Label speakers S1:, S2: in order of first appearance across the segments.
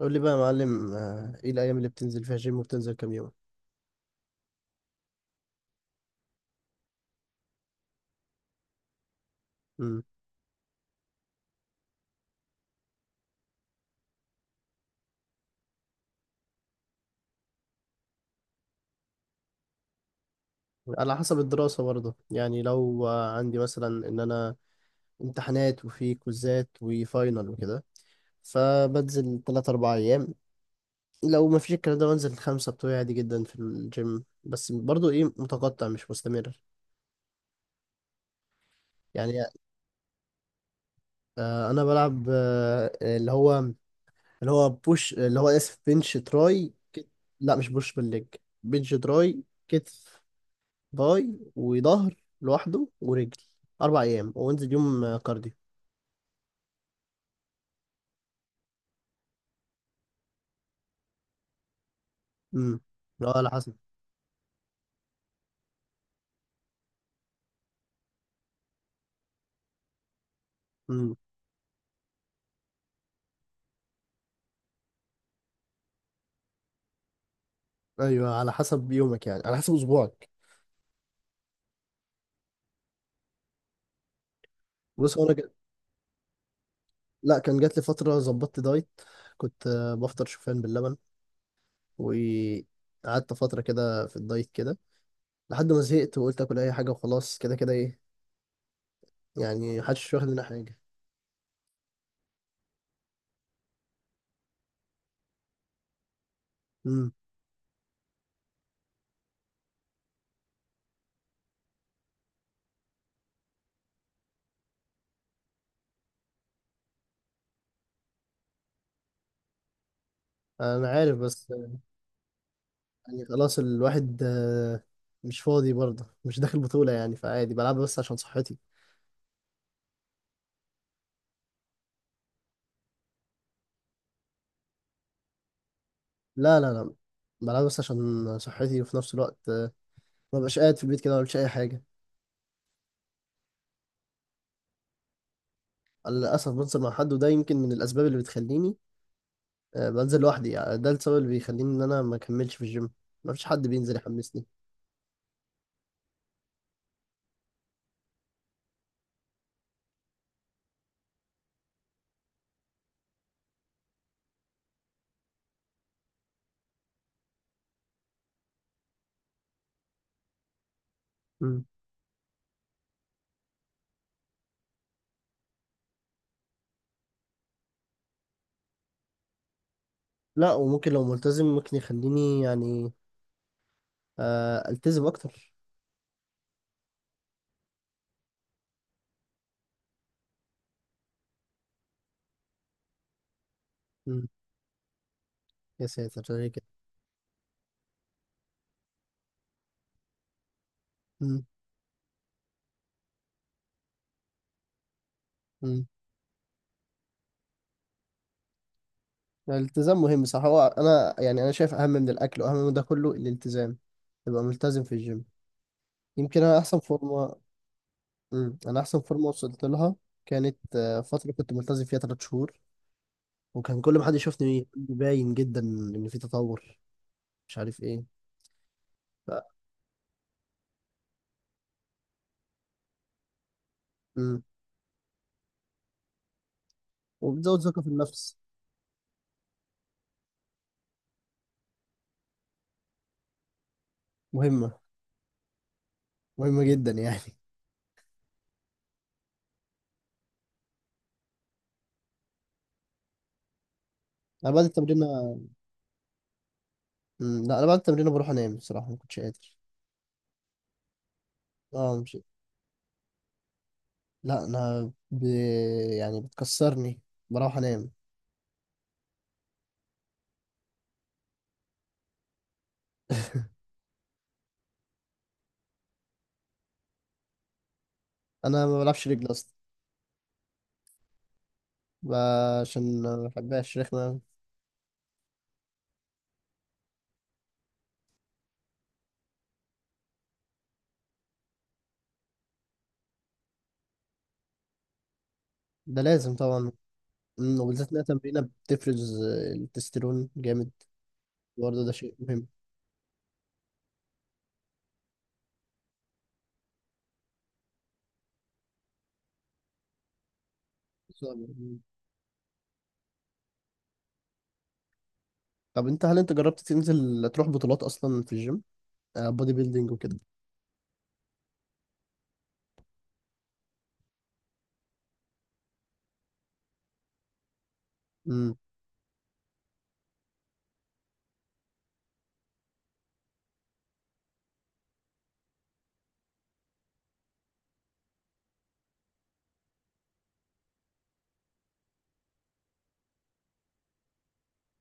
S1: قول لي بقى يا معلم، ايه الايام اللي بتنزل فيها جيم وبتنزل كام يوم؟ امم. على حسب الدراسه برضه، يعني لو عندي مثلا ان انا امتحانات وفي كوزات وفاينل وكده، فبنزل 3 4 ايام. لو ما فيش الكلام ده بنزل خمسة بتوعي عادي جدا في الجيم، بس برضه ايه متقطع مش مستمر. يعني انا بلعب اللي هو بوش، اللي هو اسف، بنش تراي لا مش بوش بالليج، بنش تراي كتف، باي وظهر لوحده ورجل. اربع ايام وانزل يوم كارديو. امم، اه، على حسب. امم، ايوه، على حسب يومك يعني، على حسب اسبوعك. بص، هو انا لا، كان جات لي فتره ظبطت دايت. كنت بفطر شوفان باللبن، وقعدت فتره كده في الدايت كده، لحد ما زهقت وقلت اكل اي حاجه وخلاص، كده كده ايه، يعني محدش واخد منها حاجه. امم. انا عارف، بس يعني خلاص الواحد مش فاضي برضه، مش داخل بطوله يعني، فعادي بلعب بس عشان صحتي. لا لا لا، بلعب بس عشان صحتي، وفي نفس الوقت ما ببقاش قاعد في البيت كده ما بعملش اي حاجه. للاسف بنزل مع حد، وده يمكن من الاسباب اللي بتخليني بنزل لوحدي، يعني ده السبب اللي بيخليني ان انا ما اكملش في الجيم، ما فيش حد بينزل يحمسني. مم. لا، وممكن لو ملتزم ممكن يخليني يعني التزم اكتر. مم. يا ساتر، ده ليه كده؟ مم. مم. الالتزام مهم، صح. هو انا يعني انا شايف اهم من الاكل واهم من ده كله الالتزام، تبقى ملتزم في الجيم، يمكن انا احسن فورمه. مم. انا احسن فورمه وصلت لها، كانت فتره كنت ملتزم فيها ثلاث شهور، وكان كل ما حد يشوفني يقول لي باين جدا ان في تطور، مش عارف ايه. ف... مم. وبتزود ثقه في النفس. مهمه، مهمه جدا يعني. انا بعد التمرين. مم. لا، انا بعد التمرين بروح انام، بصراحه ما كنتش قادر. اه، مش. لا انا يعني بتكسرني، بروح انام. انا ما بلعبش رجل اصلا. ب- عشان ما بحبهاش، رخمه. ده لازم طبعا. مم، وبالذات إنها تمرينة بتفرز التستيرون جامد. برضه ده شيء مهم. صعب. مم. طب أنت هل أنت جربت تنزل تروح بطولات أصلا في الجيم؟ بودي بيلدينج وكده. امم،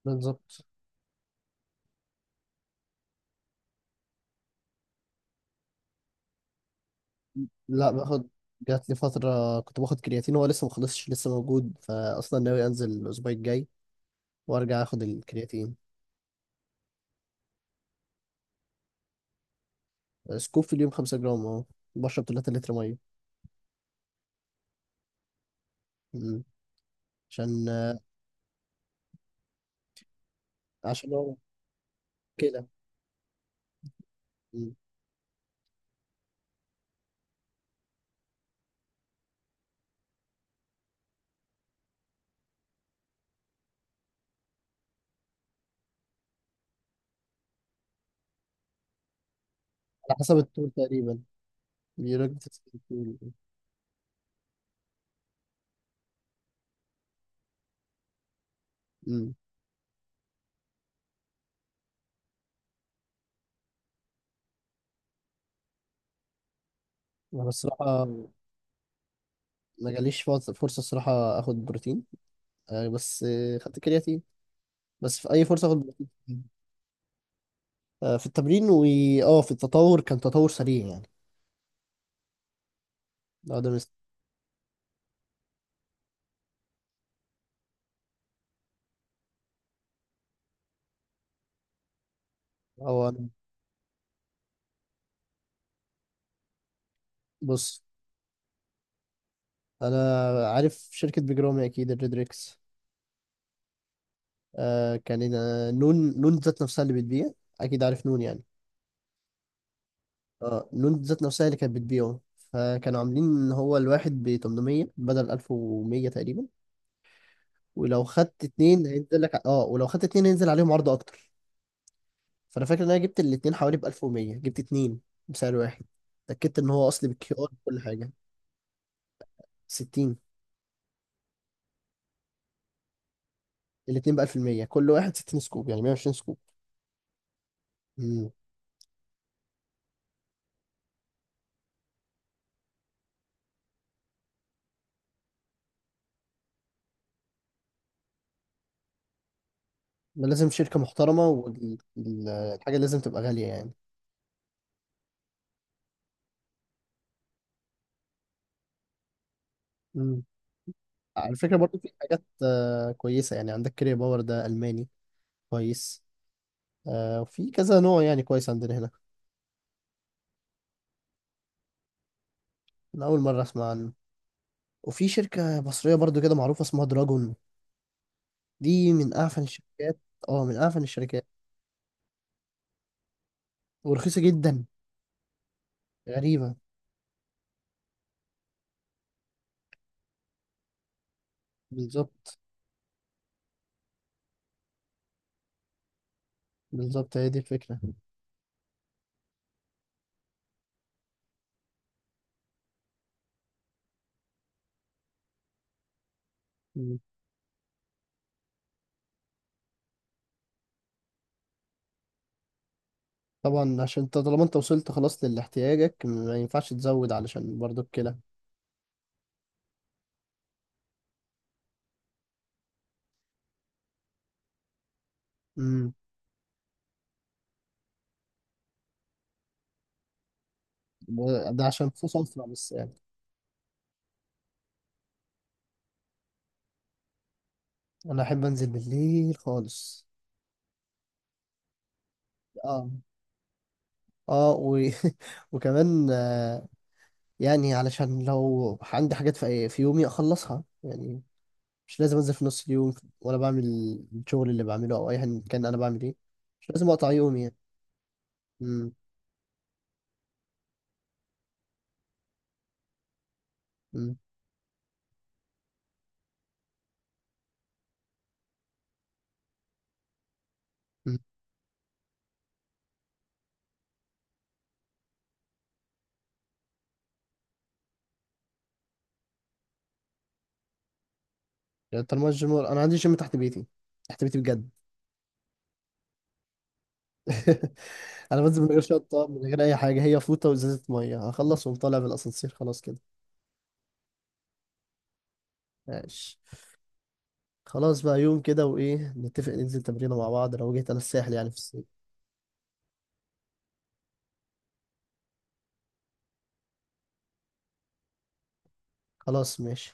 S1: بالظبط. لا، باخد. جات لي فترة كنت باخد كرياتين، هو لسه ما خلصش، لسه موجود، فأصلا ناوي أنزل الأسبوع الجاي وأرجع آخد الكرياتين. سكوب في اليوم 5 جرام، أه. بشرب 3 لتر مية. مم. عشان عشان هو كده. مم. على حسب الطول تقريبا، بيراجع الطول. مم. أنا الصراحة ما جاليش فرصه الصراحه اخد بروتين، بس خدت كرياتين، بس في اي فرصه اخد بروتين. في التمرين، واه في التطور، كان تطور سريع يعني. لا ده مست... هو أنا- بص، انا عارف شركه بيجرامي، اكيد الريدريكس. آه، كان نون ذات نفسها اللي بتبيع، اكيد عارف نون يعني. اه، نون ذات نفسها اللي كانت بتبيعه، فكانوا عاملين ان هو الواحد ب 800 بدل 1100 تقريبا، ولو خدت اتنين هينزل لك، اه، ولو خدت اتنين هينزل عليهم عرض اكتر. فانا فاكر ان انا جبت الاتنين حوالي ب 1100، جبت اتنين بسعر واحد، اتاكدت ان هو اصلي بالكيو ار، كل حاجه. 60، الاتنين ب 1000% كل واحد 60 سكوب، يعني 120 سكوب. امم، ده لازم شركه محترمه، والحاجه لازم تبقى غاليه يعني. امم، على فكره برضو في حاجات كويسه، يعني عندك كريا باور ده الماني كويس، وفي كذا نوع يعني كويس عندنا هنا. انا اول مره اسمع عنه. وفي شركه مصريه برضو كده معروفه اسمها دراجون، دي من اعفن الشركات. اه، من اعفن الشركات، ورخيصه جدا، غريبة. بالظبط، بالظبط هي دي الفكرة. مم. طبعا، عشان انت طالما انت وصلت خلاص للاحتياجك ما ينفعش تزود، علشان برضو الكلى. امم، ده عشان في صنف بس يعني. انا احب انزل بالليل خالص. اه، اه، وكمان، يعني علشان لو عندي حاجات في يومي اخلصها يعني، مش لازم انزل في نص اليوم، ولا بعمل الشغل اللي بعمله او ايا كان انا بعمل ايه، مش لازم اقطع يومي يعني. امم، يعني طالما الجيم، انا عندي جيم تحت بيتي، تحت بيتي بجد. انا بنزل من غير شطه، من غير اي حاجه، هي فوطه وازازه ميه، هخلص وأقوم طالع بالاسانسير، خلاص كده. ماشي. خلاص بقى، يوم كده وايه نتفق ننزل تمرينه مع بعض لو جيت انا الساحل يعني في الصيف. خلاص ماشي.